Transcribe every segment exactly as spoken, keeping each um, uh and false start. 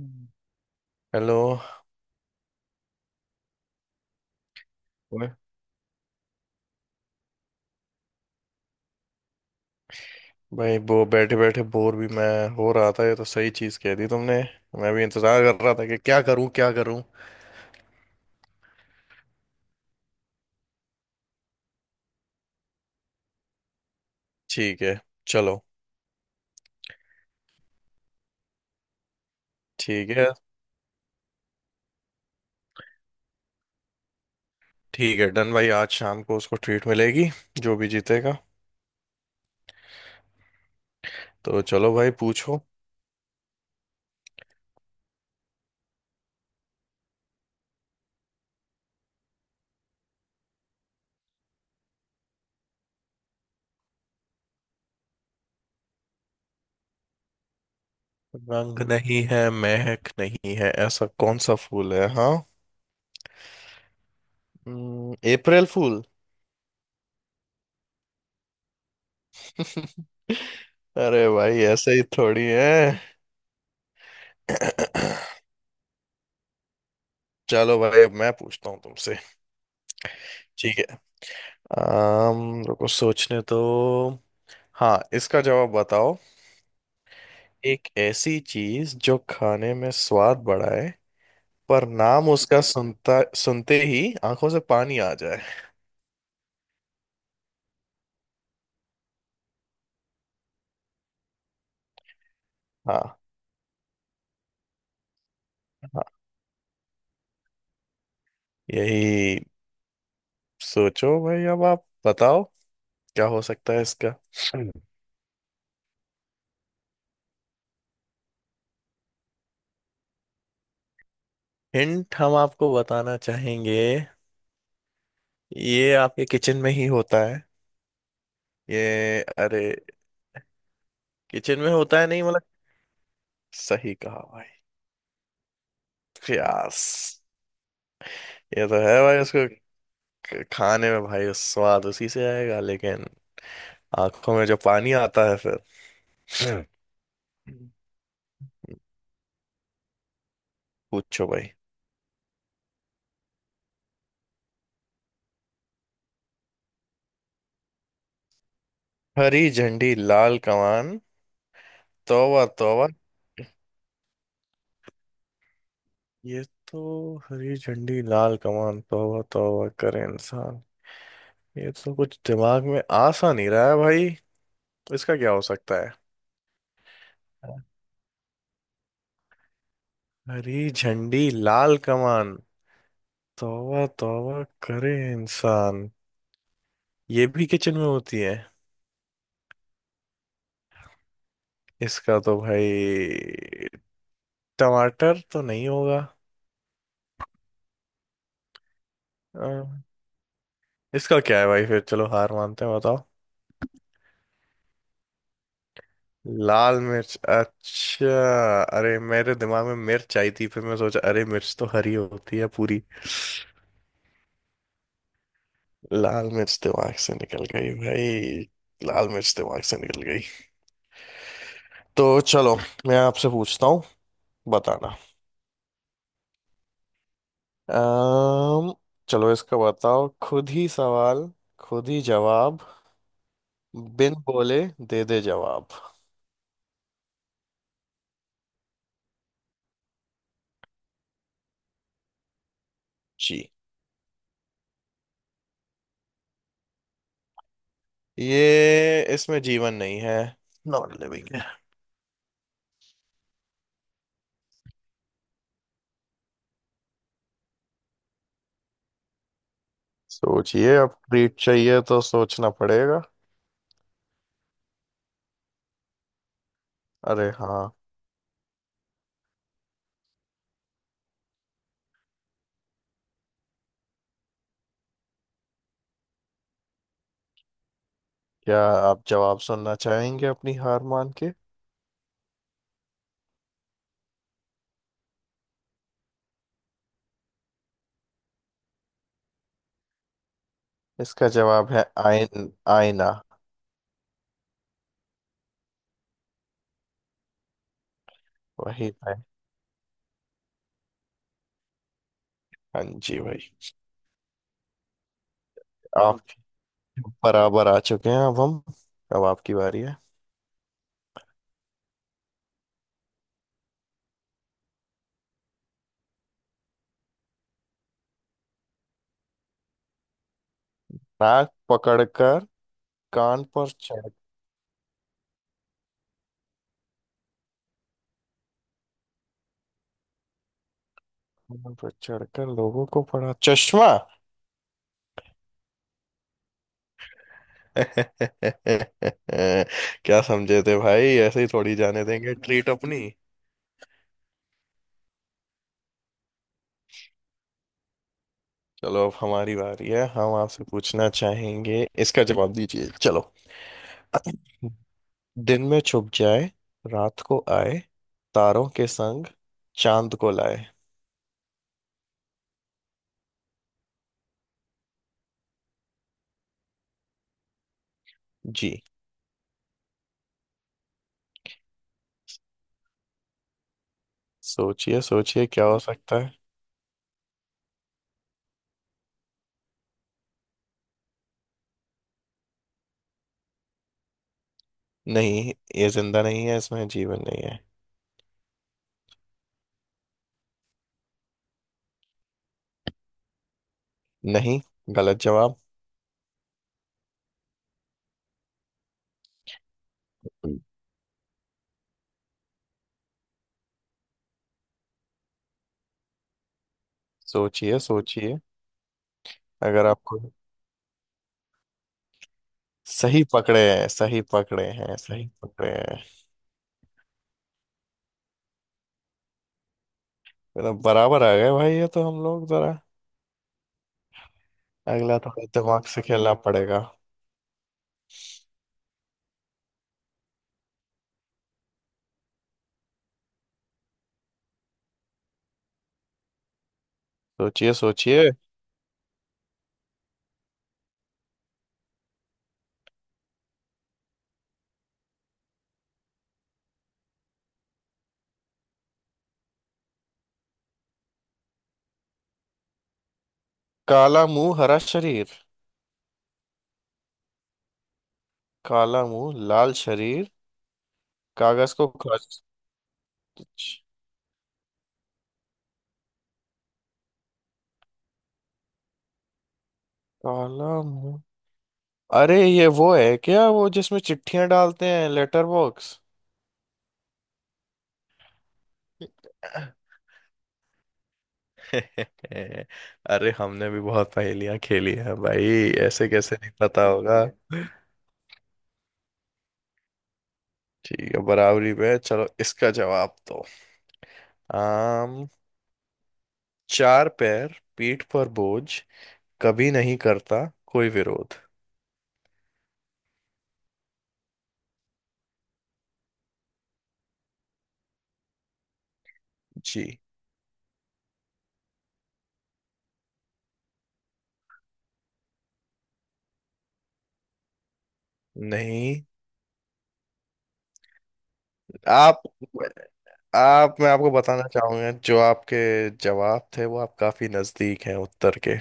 हम्म। Hello. ओए भाई, वो बैठे बैठे बोर भी मैं हो रहा था। ये तो सही चीज कह दी तुमने। मैं भी इंतजार कर रहा था कि क्या करूं क्या करूं। ठीक है। चलो। ठीक है। ठीक है, डन भाई। आज शाम को उसको ट्रीट मिलेगी, जो भी जीतेगा। तो चलो भाई, पूछो। रंग नहीं है, महक नहीं है, ऐसा कौन सा फूल है। हाँ। हम्म, अप्रैल फूल। अरे भाई ऐसे ही थोड़ी है। चलो भाई, अब मैं पूछता हूँ तुमसे। ठीक है। आम, रुको सोचने तो। हाँ, इसका जवाब बताओ। एक ऐसी चीज जो खाने में स्वाद बढ़ाए, पर नाम उसका सुनता सुनते ही आंखों से पानी आ जाए। हाँ। हाँ। यही। सोचो भाई, अब आप बताओ क्या हो सकता है इसका। हिंट हम आपको बताना चाहेंगे। ये आपके किचन में ही होता है। ये अरे किचन में होता है, नहीं मतलब। सही कहा भाई। प्यास। ये तो है भाई उसको। क- खाने में भाई स्वाद उसी से आएगा, लेकिन आंखों में जो पानी आता है फिर। हम्म। पूछो भाई। हरी झंडी लाल कमान, तौबा तौबा। ये तो हरी झंडी लाल कमान तौबा तौबा करे इंसान, ये तो कुछ दिमाग में आ सा नहीं रहा है भाई। इसका क्या हो सकता है। हरी झंडी लाल कमान, तौबा तौबा करे इंसान। ये भी किचन में होती है। इसका तो भाई टमाटर तो नहीं होगा। अ, इसका क्या है भाई फिर, चलो हार मानते हैं, बताओ। लाल मिर्च, अच्छा। अरे मेरे दिमाग में मिर्च आई थी, फिर मैं सोचा अरे मिर्च तो हरी होती है पूरी। लाल मिर्च दिमाग से निकल गई भाई। लाल मिर्च दिमाग से निकल गई। तो चलो, मैं आपसे पूछता हूँ। बताना। अम्म चलो इसका बताओ। खुद ही सवाल, खुद ही जवाब, बिन बोले दे दे जवाब। जी। ये इसमें जीवन नहीं है, नॉन लिविंग है। सोचिए, अब ट्रीट चाहिए तो सोचना पड़ेगा। अरे हाँ। क्या आप जवाब सुनना चाहेंगे अपनी हार मान के। इसका जवाब है आयन। आईना। वही है। हाँ जी भाई। आप बराबर आ चुके हैं, अब हम, अब आपकी बारी है। नाक पकड़कर, कान पर चढ़, कान पर चढ़कर लोगों को पड़ा, चश्मा। क्या समझे थे भाई, ऐसे ही थोड़ी जाने देंगे ट्रीट अपनी। चलो अब हमारी बारी है, हम आपसे पूछना चाहेंगे, इसका जवाब दीजिए, चलो। दिन में छुप जाए, रात को आए, तारों के संग चांद को लाए। जी। सोचिए सोचिए क्या हो सकता है। नहीं, ये जिंदा नहीं है, इसमें जीवन नहीं है। नहीं, गलत जवाब। सोचिए सोचिए। अगर आपको, सही पकड़े हैं सही पकड़े हैं सही पकड़े हैं। मतलब बराबर आ गए भाई, ये तो हम लोग जरा। अगला थोड़ा दिमाग से खेलना पड़ेगा। सोचिए सोचिए। काला मुंह हरा शरीर। काला मुंह लाल शरीर। कागज को खर्च। काला मुंह। अरे ये वो है क्या, वो जिसमें चिट्ठियां डालते हैं, लेटर बॉक्स। अरे हमने भी बहुत पहेलियां खेली हैं भाई। ऐसे कैसे नहीं पता होगा। ठीक है, बराबरी पे है, चलो इसका जवाब दो। आम। चार पैर, पीठ पर बोझ, कभी नहीं करता कोई विरोध। जी। नहीं। आप, आप मैं आपको बताना चाहूंगा, जो आपके जवाब थे वो आप काफी नजदीक हैं उत्तर के।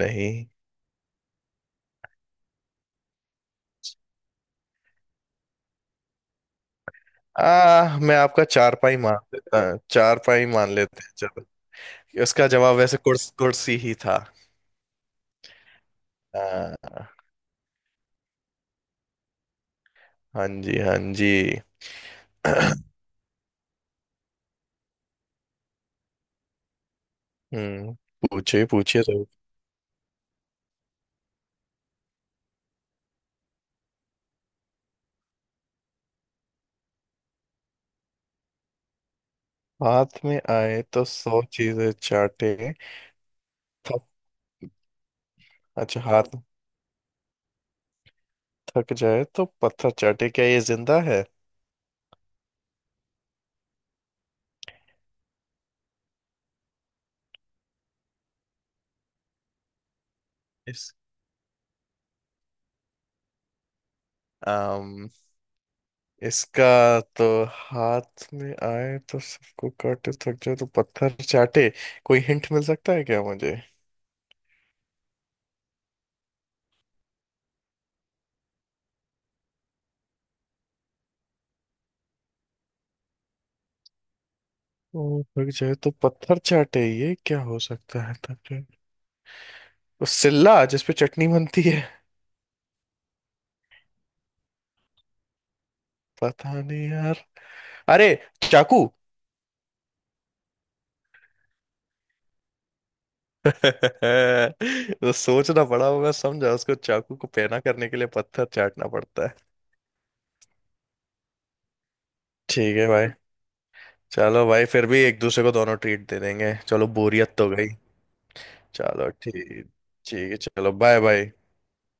नहीं। आ मैं आपका चारपाई मान लेता, चारपाई मान लेते हैं, चलो। उसका जवाब वैसे कुर्स, कुर्सी ही था। आ, हाँ जी, हाँ जी। हम्म। पूछिए पूछिए जरूर। हाथ में आए तो सौ चीजें चाटे, थक। अच्छा हाथ, थक जाए तो पत्थर चाटे, क्या ये जिंदा है। इस इसका तो, हाथ में आए तो सबको काटे थक जाए तो पत्थर चाटे, कोई हिंट मिल सकता है क्या मुझे। ओ थक जाए तो पत्थर चाटे, ये क्या हो सकता है, थक जाए, वो सिल्ला जिसपे चटनी बनती है। पता नहीं यार। अरे चाकू। तो सोचना पड़ा वो, मैं समझा उसको चाकू को पैना करने के लिए पत्थर चाटना पड़ता है। ठीक है भाई। चलो भाई फिर भी एक दूसरे को दोनों ट्रीट दे देंगे, चलो बोरियत तो गई। चलो ठीक। ठीक है, चलो बाय बाय।